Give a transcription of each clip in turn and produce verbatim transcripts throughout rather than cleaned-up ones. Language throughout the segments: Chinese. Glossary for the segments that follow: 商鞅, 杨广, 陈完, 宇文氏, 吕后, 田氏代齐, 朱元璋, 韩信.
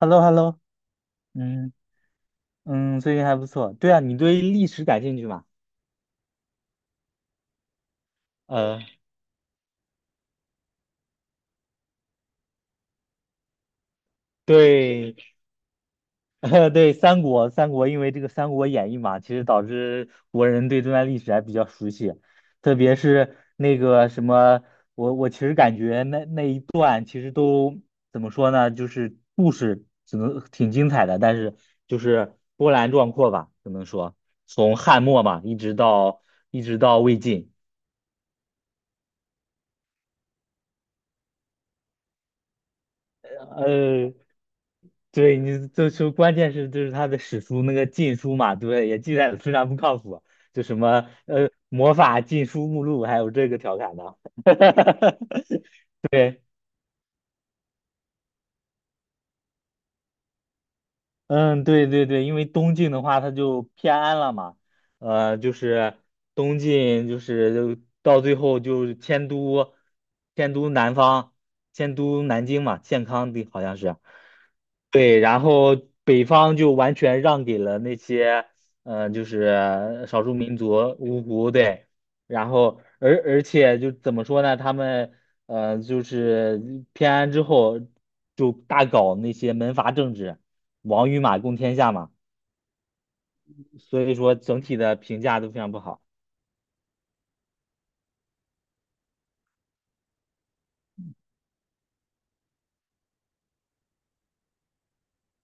h e l l o h e l l o。 嗯嗯，最近还不错。对啊，你对历史感兴趣吗？呃，对，呃，对，三国，三国，因为这个《三国演义》嘛，其实导致国人对这段历史还比较熟悉，特别是那个什么，我我其实感觉那那一段其实都怎么说呢，就是故事只能挺精彩的，但是就是波澜壮阔吧，只能说从汉末嘛，一直到一直到魏晋。呃，对你就说，关键是就是他的史书那个禁书嘛，对，也记载的非常不靠谱，就什么呃魔法禁书目录，还有这个调侃的，对。嗯，对对对，因为东晋的话，它就偏安了嘛，呃，就是东晋就是到最后就是迁都，迁都南方，迁都南京嘛，建康的好像是，对，然后北方就完全让给了那些，呃，就是少数民族芜湖，对，然后而而且就怎么说呢，他们呃就是偏安之后就大搞那些门阀政治。王与马共天下嘛，所以说整体的评价都非常不好。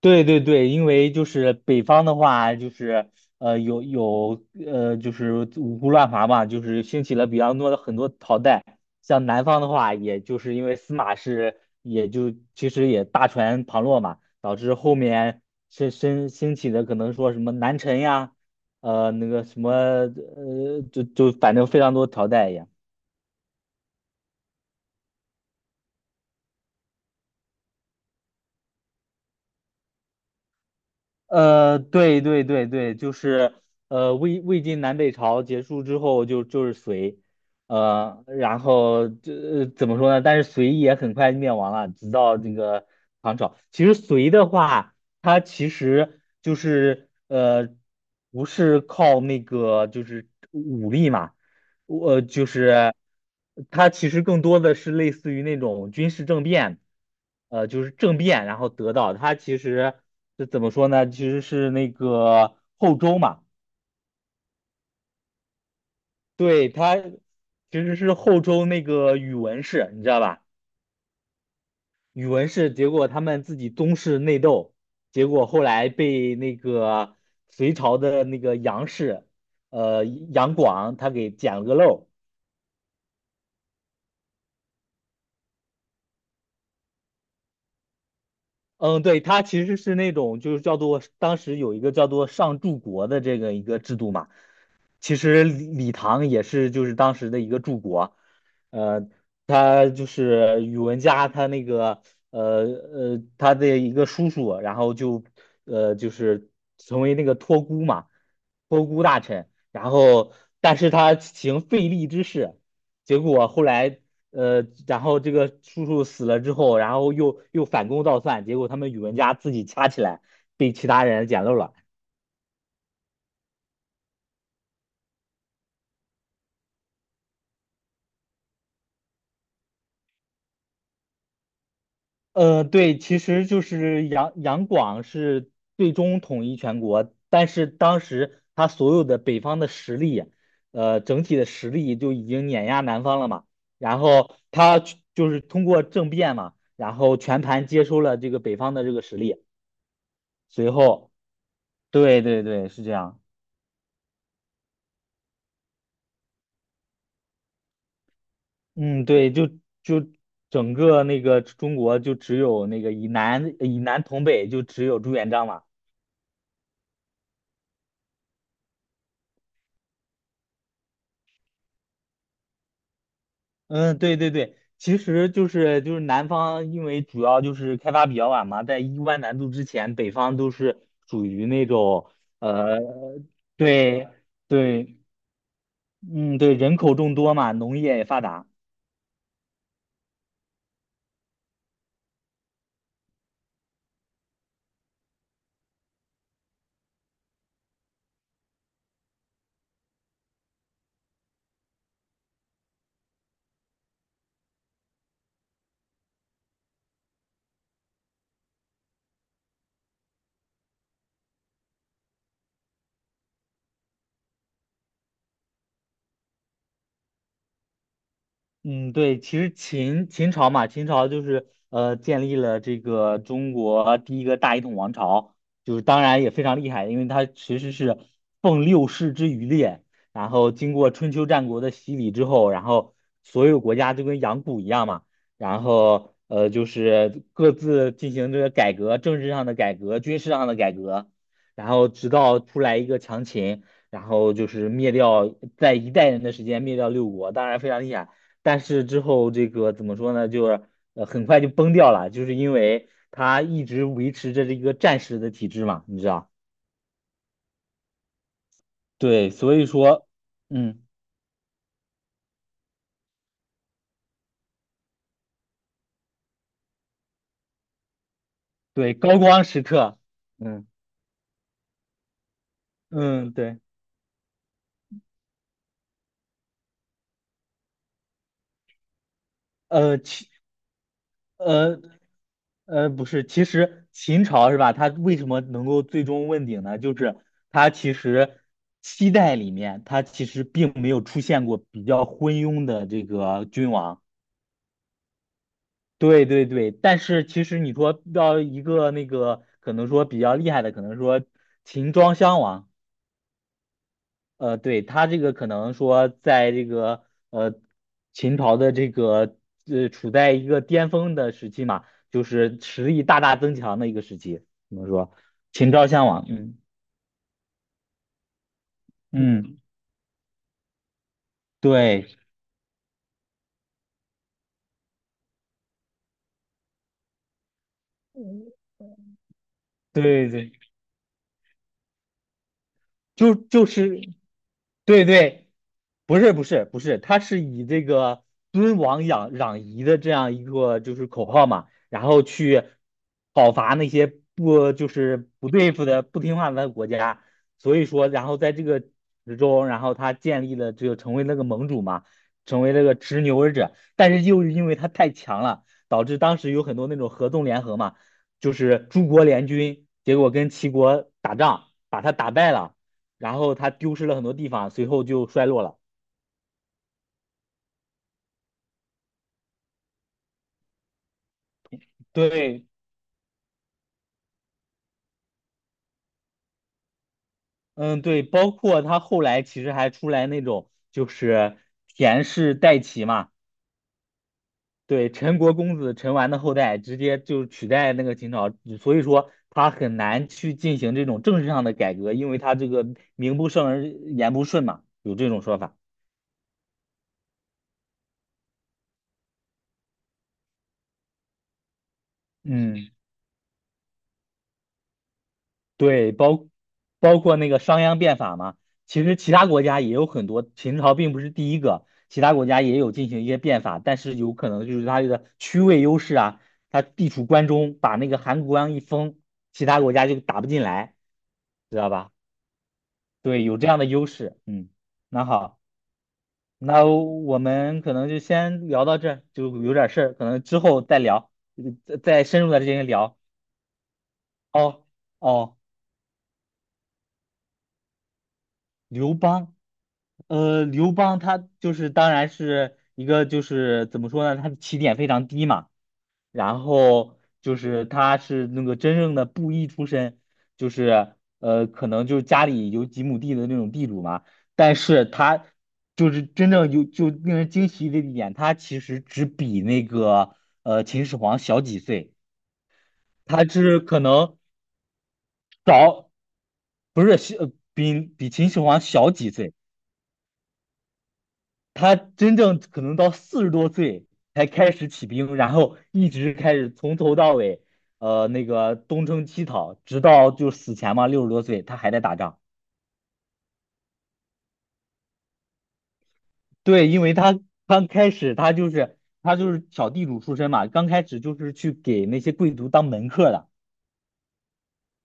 对对对，因为就是北方的话，就是呃有有呃就是五胡乱华嘛，就是兴起了比较多的很多朝代。像南方的话，也就是因为司马氏也就其实也大权旁落嘛，导致后面是兴兴起的可能说什么南陈呀，呃那个什么呃就就反正非常多朝代一样。呃，对对对对，就是呃，魏魏晋南北朝结束之后就就是隋，呃，然后这、呃怎么说呢？但是隋也很快灭亡了，直到那个唐朝。其实隋的话，它其实就是呃，不是靠那个就是武力嘛，我就是它其实更多的是类似于那种军事政变，呃，就是政变，然后得到它其实是怎么说呢？其实是那个后周嘛，对，它其实是后周那个宇文氏，你知道吧？宇文氏结果他们自己宗室内斗，结果后来被那个隋朝的那个杨氏，呃，杨广他给捡了个漏儿。嗯，对，它其实是那种就是叫做当时有一个叫做上柱国的这个一个制度嘛，其实李唐也是就是当时的一个柱国，呃，他就是宇文家他那个呃呃他的一个叔叔，然后就呃就是成为那个托孤嘛，托孤大臣，然后但是他行废立之事，结果后来呃然后这个叔叔死了之后，然后又又反攻倒算，结果他们宇文家自己掐起来，被其他人捡漏了。呃，对，其实就是杨杨广是最终统一全国，但是当时他所有的北方的实力，呃，整体的实力就已经碾压南方了嘛。然后他去就是通过政变嘛，然后全盘接收了这个北方的这个实力。随后，对对对，是这样。嗯，对，就就整个那个中国就只有那个以南以南统北，就只有朱元璋嘛。嗯，对对对，其实就是就是南方，因为主要就是开发比较晚嘛，在一万南渡之前，北方都是属于那种呃，对对，嗯，对，人口众多嘛，农业也发达。嗯，对，其实秦秦朝嘛，秦朝就是呃建立了这个中国第一个大一统王朝，就是当然也非常厉害，因为它其实是奉六世之余烈，然后经过春秋战国的洗礼之后，然后所有国家就跟养蛊一样嘛，然后呃就是各自进行这个改革，政治上的改革，军事上的改革，然后直到出来一个强秦，然后就是灭掉在一代人的时间灭掉六国，当然非常厉害。但是之后这个怎么说呢，就是呃很快就崩掉了，就是因为它一直维持着这个战时的体制嘛，你知道？对，所以说，嗯，对，高光时刻，嗯嗯，对，呃，其呃呃不是，其实秦朝是吧？它为什么能够最终问鼎呢？就是它其实七代里面，它其实并没有出现过比较昏庸的这个君王。对对对，但是其实你说要一个那个，可能说比较厉害的，可能说秦庄襄王，呃，对他这个可能说在这个呃秦朝的这个呃处在一个巅峰的时期嘛，就是实力大大增强的一个时期，怎么说秦昭襄王，嗯嗯，对对对。就就是，对对，不是不是不是，他是以这个尊王攘攘夷的这样一个就是口号嘛，然后去讨伐那些不就是不对付的不听话的国家，所以说，然后在这个之中，然后他建立了这个成为那个盟主嘛，成为那个执牛耳者，但是又是因为他太强了，导致当时有很多那种合纵联合嘛，就是诸国联军，结果跟齐国打仗，把他打败了。然后他丢失了很多地方，随后就衰落了。对，嗯，对，包括他后来其实还出来那种就是田氏代齐嘛，对，陈国公子陈完的后代直接就取代那个秦朝，所以说他很难去进行这种政治上的改革，因为他这个名不正而言不顺嘛，有这种说法。嗯。对，包包括那个商鞅变法嘛，其实其他国家也有很多，秦朝并不是第一个，其他国家也有进行一些变法，但是有可能就是它这个区位优势啊，它地处关中，把那个函谷关一封，其他国家就打不进来，知道吧？对，有这样的优势。嗯，那好，那我们可能就先聊到这儿，就有点事儿，可能之后再聊，呃再再深入的进行聊。哦哦，刘邦。呃，刘邦他就是当然是一个就是怎么说呢，他的起点非常低嘛，然后就是他是那个真正的布衣出身，就是呃可能就是家里有几亩地的那种地主嘛，但是他就是真正有就令人惊奇的一点，他其实只比那个呃秦始皇小几岁，他是可能早不是小呃比比秦始皇小几岁。他真正可能到四十多岁才开始起兵，然后一直开始从头到尾，呃，那个东征西讨，直到就死前嘛，六十多岁他还在打仗。对，因为他刚开始他就是他就是小地主出身嘛，刚开始就是去给那些贵族当门客的，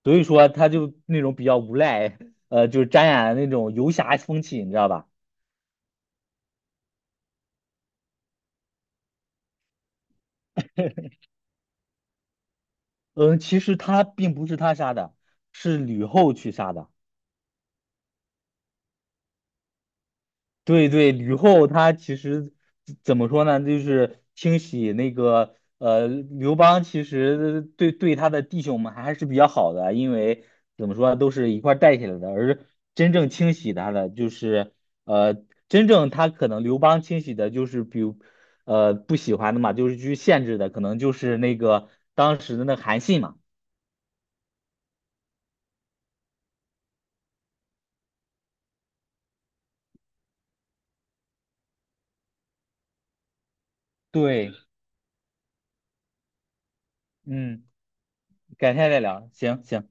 所以说他就那种比较无赖，呃，就是沾染那种游侠风气，你知道吧？嗯，其实他并不是他杀的，是吕后去杀的。对对，吕后她其实怎么说呢？就是清洗那个呃刘邦，其实对对他的弟兄们还是比较好的啊，因为怎么说都是一块儿带起来的。而真正清洗他的，就是呃真正他可能刘邦清洗的，就是比如呃不喜欢的嘛，就是去限制的，可能就是那个当时的那韩信嘛。对，嗯，改天再聊，行行。